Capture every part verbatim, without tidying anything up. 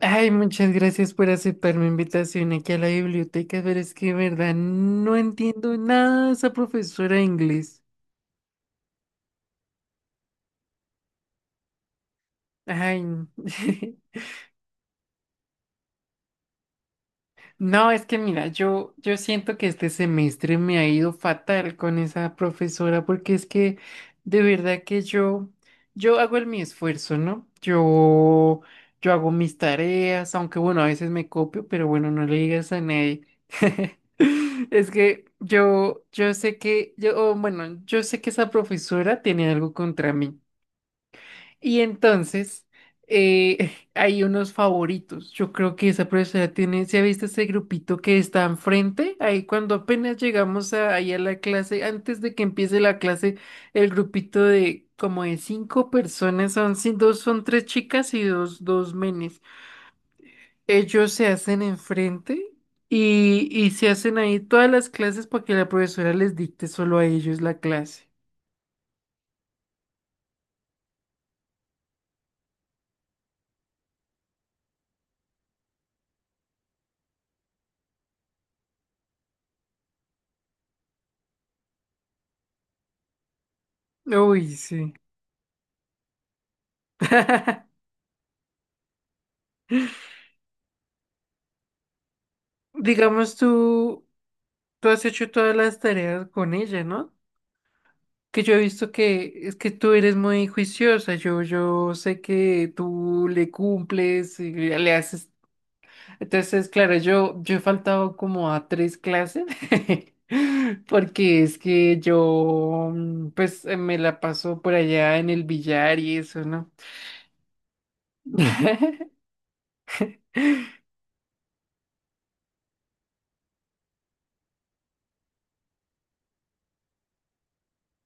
Ay, muchas gracias por aceptar mi invitación aquí a la biblioteca, pero es que, de verdad, no entiendo nada de esa profesora de inglés. Ay, No, es que mira, yo, yo siento que este semestre me ha ido fatal con esa profesora porque es que de verdad que yo, yo hago el mi esfuerzo, ¿no? Yo, yo hago mis tareas, aunque bueno, a veces me copio, pero bueno, no le digas a nadie. Es que yo, yo sé que, yo, o bueno, yo sé que esa profesora tiene algo contra mí. Y entonces eh, hay unos favoritos. Yo creo que esa profesora tiene, ¿se ha visto ese grupito que está enfrente? Ahí cuando apenas llegamos a, ahí a la clase, antes de que empiece la clase, el grupito de como de cinco personas, son, sí, dos son tres chicas y dos, dos menes. Ellos se hacen enfrente y, y se hacen ahí todas las clases para que la profesora les dicte solo a ellos la clase. Uy, sí. Digamos tú. Tú has hecho todas las tareas con ella, ¿no? Que yo he visto que es que tú eres muy juiciosa, yo, yo sé que tú le cumples y le haces. Entonces, claro, yo, yo he faltado como a tres clases, porque es que yo, mm, pues, eh, me la paso por allá en el billar y eso, ¿no?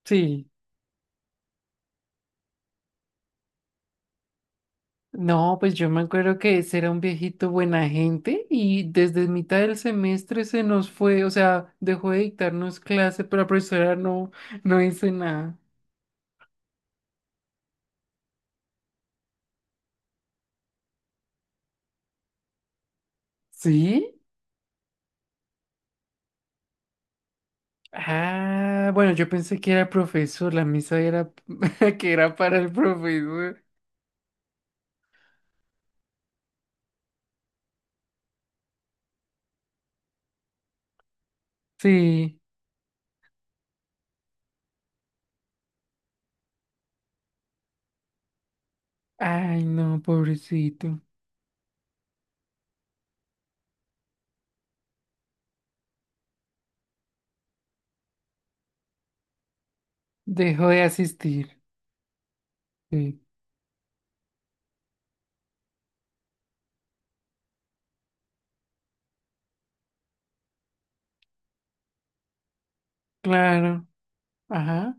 Sí. No, pues yo me acuerdo que ese era un viejito buena gente y desde mitad del semestre se nos fue, o sea, dejó de dictarnos clase, pero la profesora no, no hizo nada. ¿Sí? Ah, bueno, yo pensé que era profesor, la misa era que era para el profesor. Sí. Ay, no, pobrecito. Dejó de asistir. Sí. Claro. Ajá.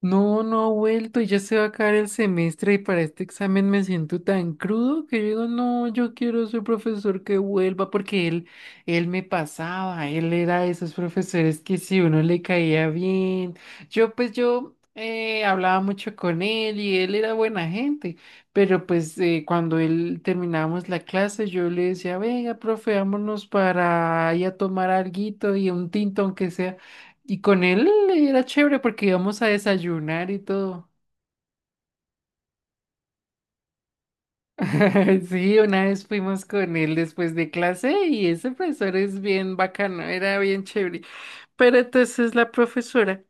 No, no ha vuelto y ya se va a acabar el semestre y para este examen me siento tan crudo que yo digo, no, yo quiero ser profesor que vuelva porque él, él me pasaba, él era de esos profesores que si uno le caía bien, yo pues yo eh, hablaba mucho con él y él era buena gente, pero pues eh, cuando él terminábamos la clase yo le decía, venga, profe, vámonos para ir a tomar alguito y un tinto aunque sea. Y con él era chévere porque íbamos a desayunar y todo. Sí, una vez fuimos con él después de clase y ese profesor es bien bacano, era bien chévere. Pero entonces la profesora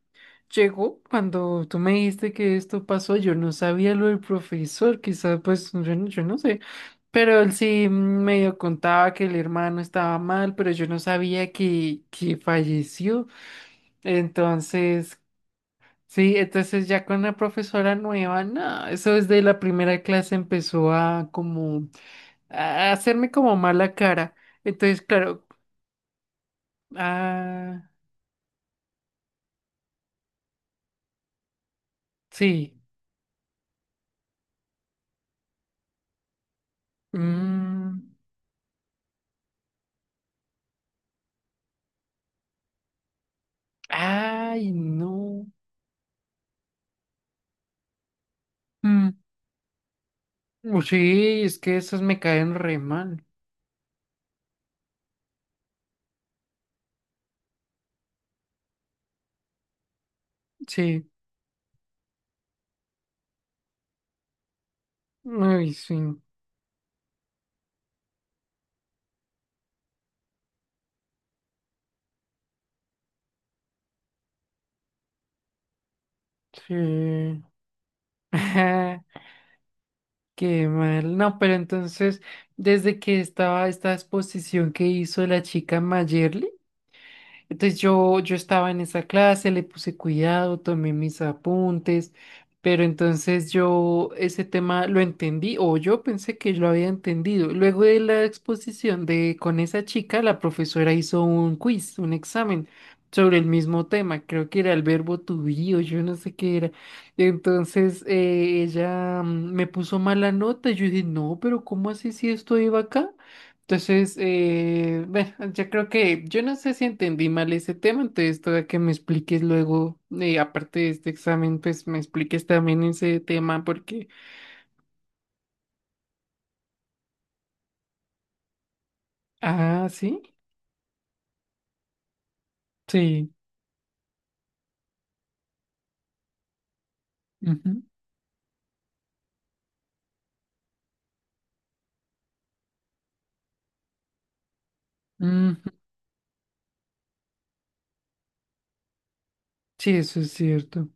llegó cuando tú me dijiste que esto pasó, yo no sabía lo del profesor, quizás pues yo, no- yo no sé, pero él sí medio contaba que el hermano estaba mal, pero yo no sabía que, que falleció. Entonces, sí, entonces ya con la profesora nueva, no, eso desde la primera clase empezó a como a hacerme como mala cara. Entonces, claro, ah, sí. mm, ay, no. mm, uh, sí, es que esas me caen re mal. Sí. Ay, sí. Sí. Ajá, qué mal. No, pero entonces, desde que estaba esta exposición que hizo la chica Mayerly. Entonces yo, yo estaba en esa clase, le puse cuidado, tomé mis apuntes, pero entonces yo ese tema lo entendí o yo pensé que lo había entendido. Luego de la exposición de con esa chica, la profesora hizo un quiz, un examen sobre el mismo tema, creo que era el verbo to be o yo no sé qué era. Entonces eh, ella mm, me puso mala nota, yo dije, no, pero ¿cómo así si esto iba acá? Entonces, eh, bueno, yo creo que yo no sé si entendí mal ese tema, entonces toda que me expliques luego, eh, aparte de este examen, pues me expliques también ese tema porque, ah, sí, sí, ujú, ujú, sí, eso es cierto.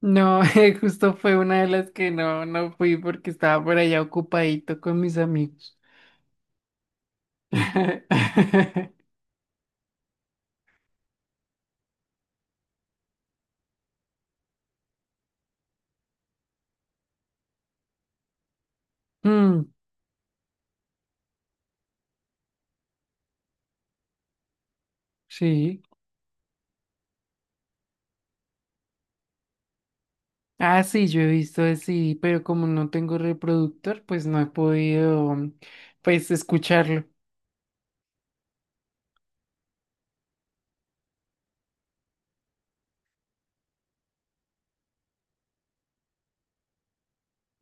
No, eh, justo fue una de las que no, no fui porque estaba por allá ocupadito con mis amigos. Mm, sí. Ah, sí, yo he visto así, pero como no tengo reproductor, pues no he podido, pues, escucharlo.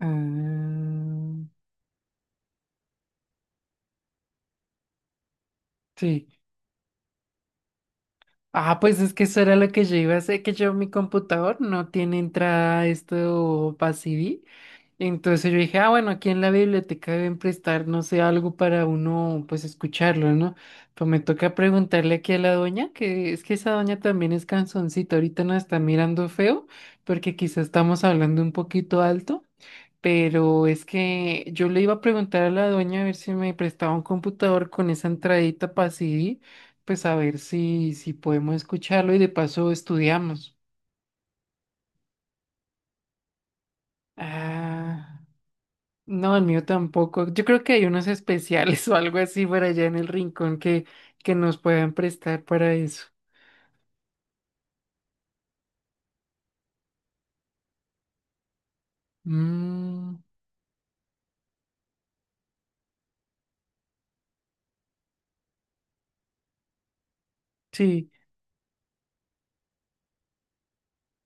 Ah, sí. Ah, pues es que eso era lo que yo iba a hacer, que yo mi computador no tiene entrada esto para C D. Entonces yo dije, ah, bueno, aquí en la biblioteca deben prestar, no sé, algo para uno, pues escucharlo, ¿no? Pues me toca preguntarle aquí a la doña, que es que esa doña también es canzoncita, ahorita nos está mirando feo, porque quizás estamos hablando un poquito alto. Pero es que yo le iba a preguntar a la dueña a ver si me prestaba un computador con esa entradita para C D, pues a ver si, si podemos escucharlo y de paso estudiamos. Ah, no, el mío tampoco. Yo creo que hay unos especiales o algo así por allá en el rincón que, que nos puedan prestar para eso. Mm, sí,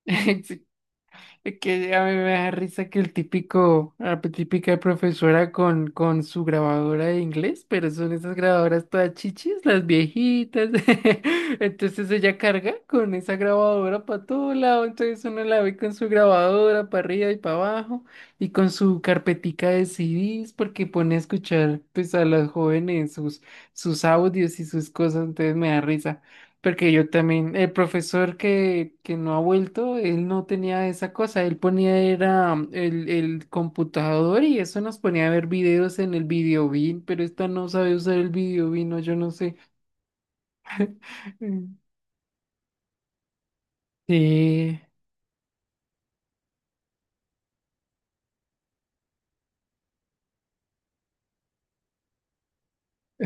es que a mí me da risa que el típico, la típica profesora con, con su grabadora de inglés, pero son esas grabadoras todas chichis, las viejitas. Entonces ella carga con esa grabadora para todo lado, entonces uno la ve con su grabadora para arriba y para abajo y con su carpetica de C Ds porque pone a escuchar pues a las jóvenes sus, sus audios y sus cosas, entonces me da risa. Porque yo también, el profesor que, que no ha vuelto, él no tenía esa cosa, él ponía era mm, el, el computador y eso nos ponía a ver videos en el videobean, pero esta no sabe usar el videobean, no, yo no sé. Mm. Sí,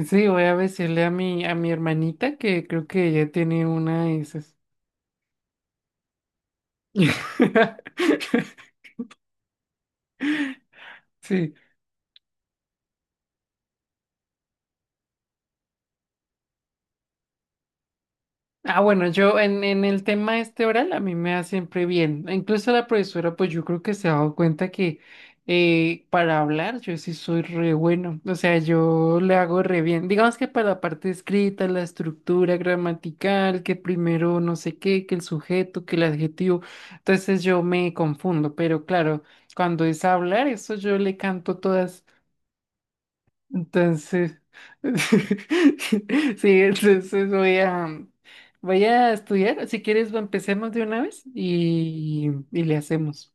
sí, voy a decirle a mi, a mi hermanita que creo que ella tiene una de esas. Sí, ah, bueno, yo en, en el tema este oral a mí me da siempre bien. Incluso la profesora, pues yo creo que se ha dado cuenta que eh, para hablar yo sí soy re bueno. O sea, yo le hago re bien. Digamos que para la parte escrita, la estructura gramatical, que primero no sé qué, que el sujeto, que el adjetivo. Entonces yo me confundo, pero claro, cuando es hablar, eso yo le canto todas. Entonces, sí, entonces voy a, voy a estudiar. Si quieres, va- empecemos de una vez y, y le hacemos.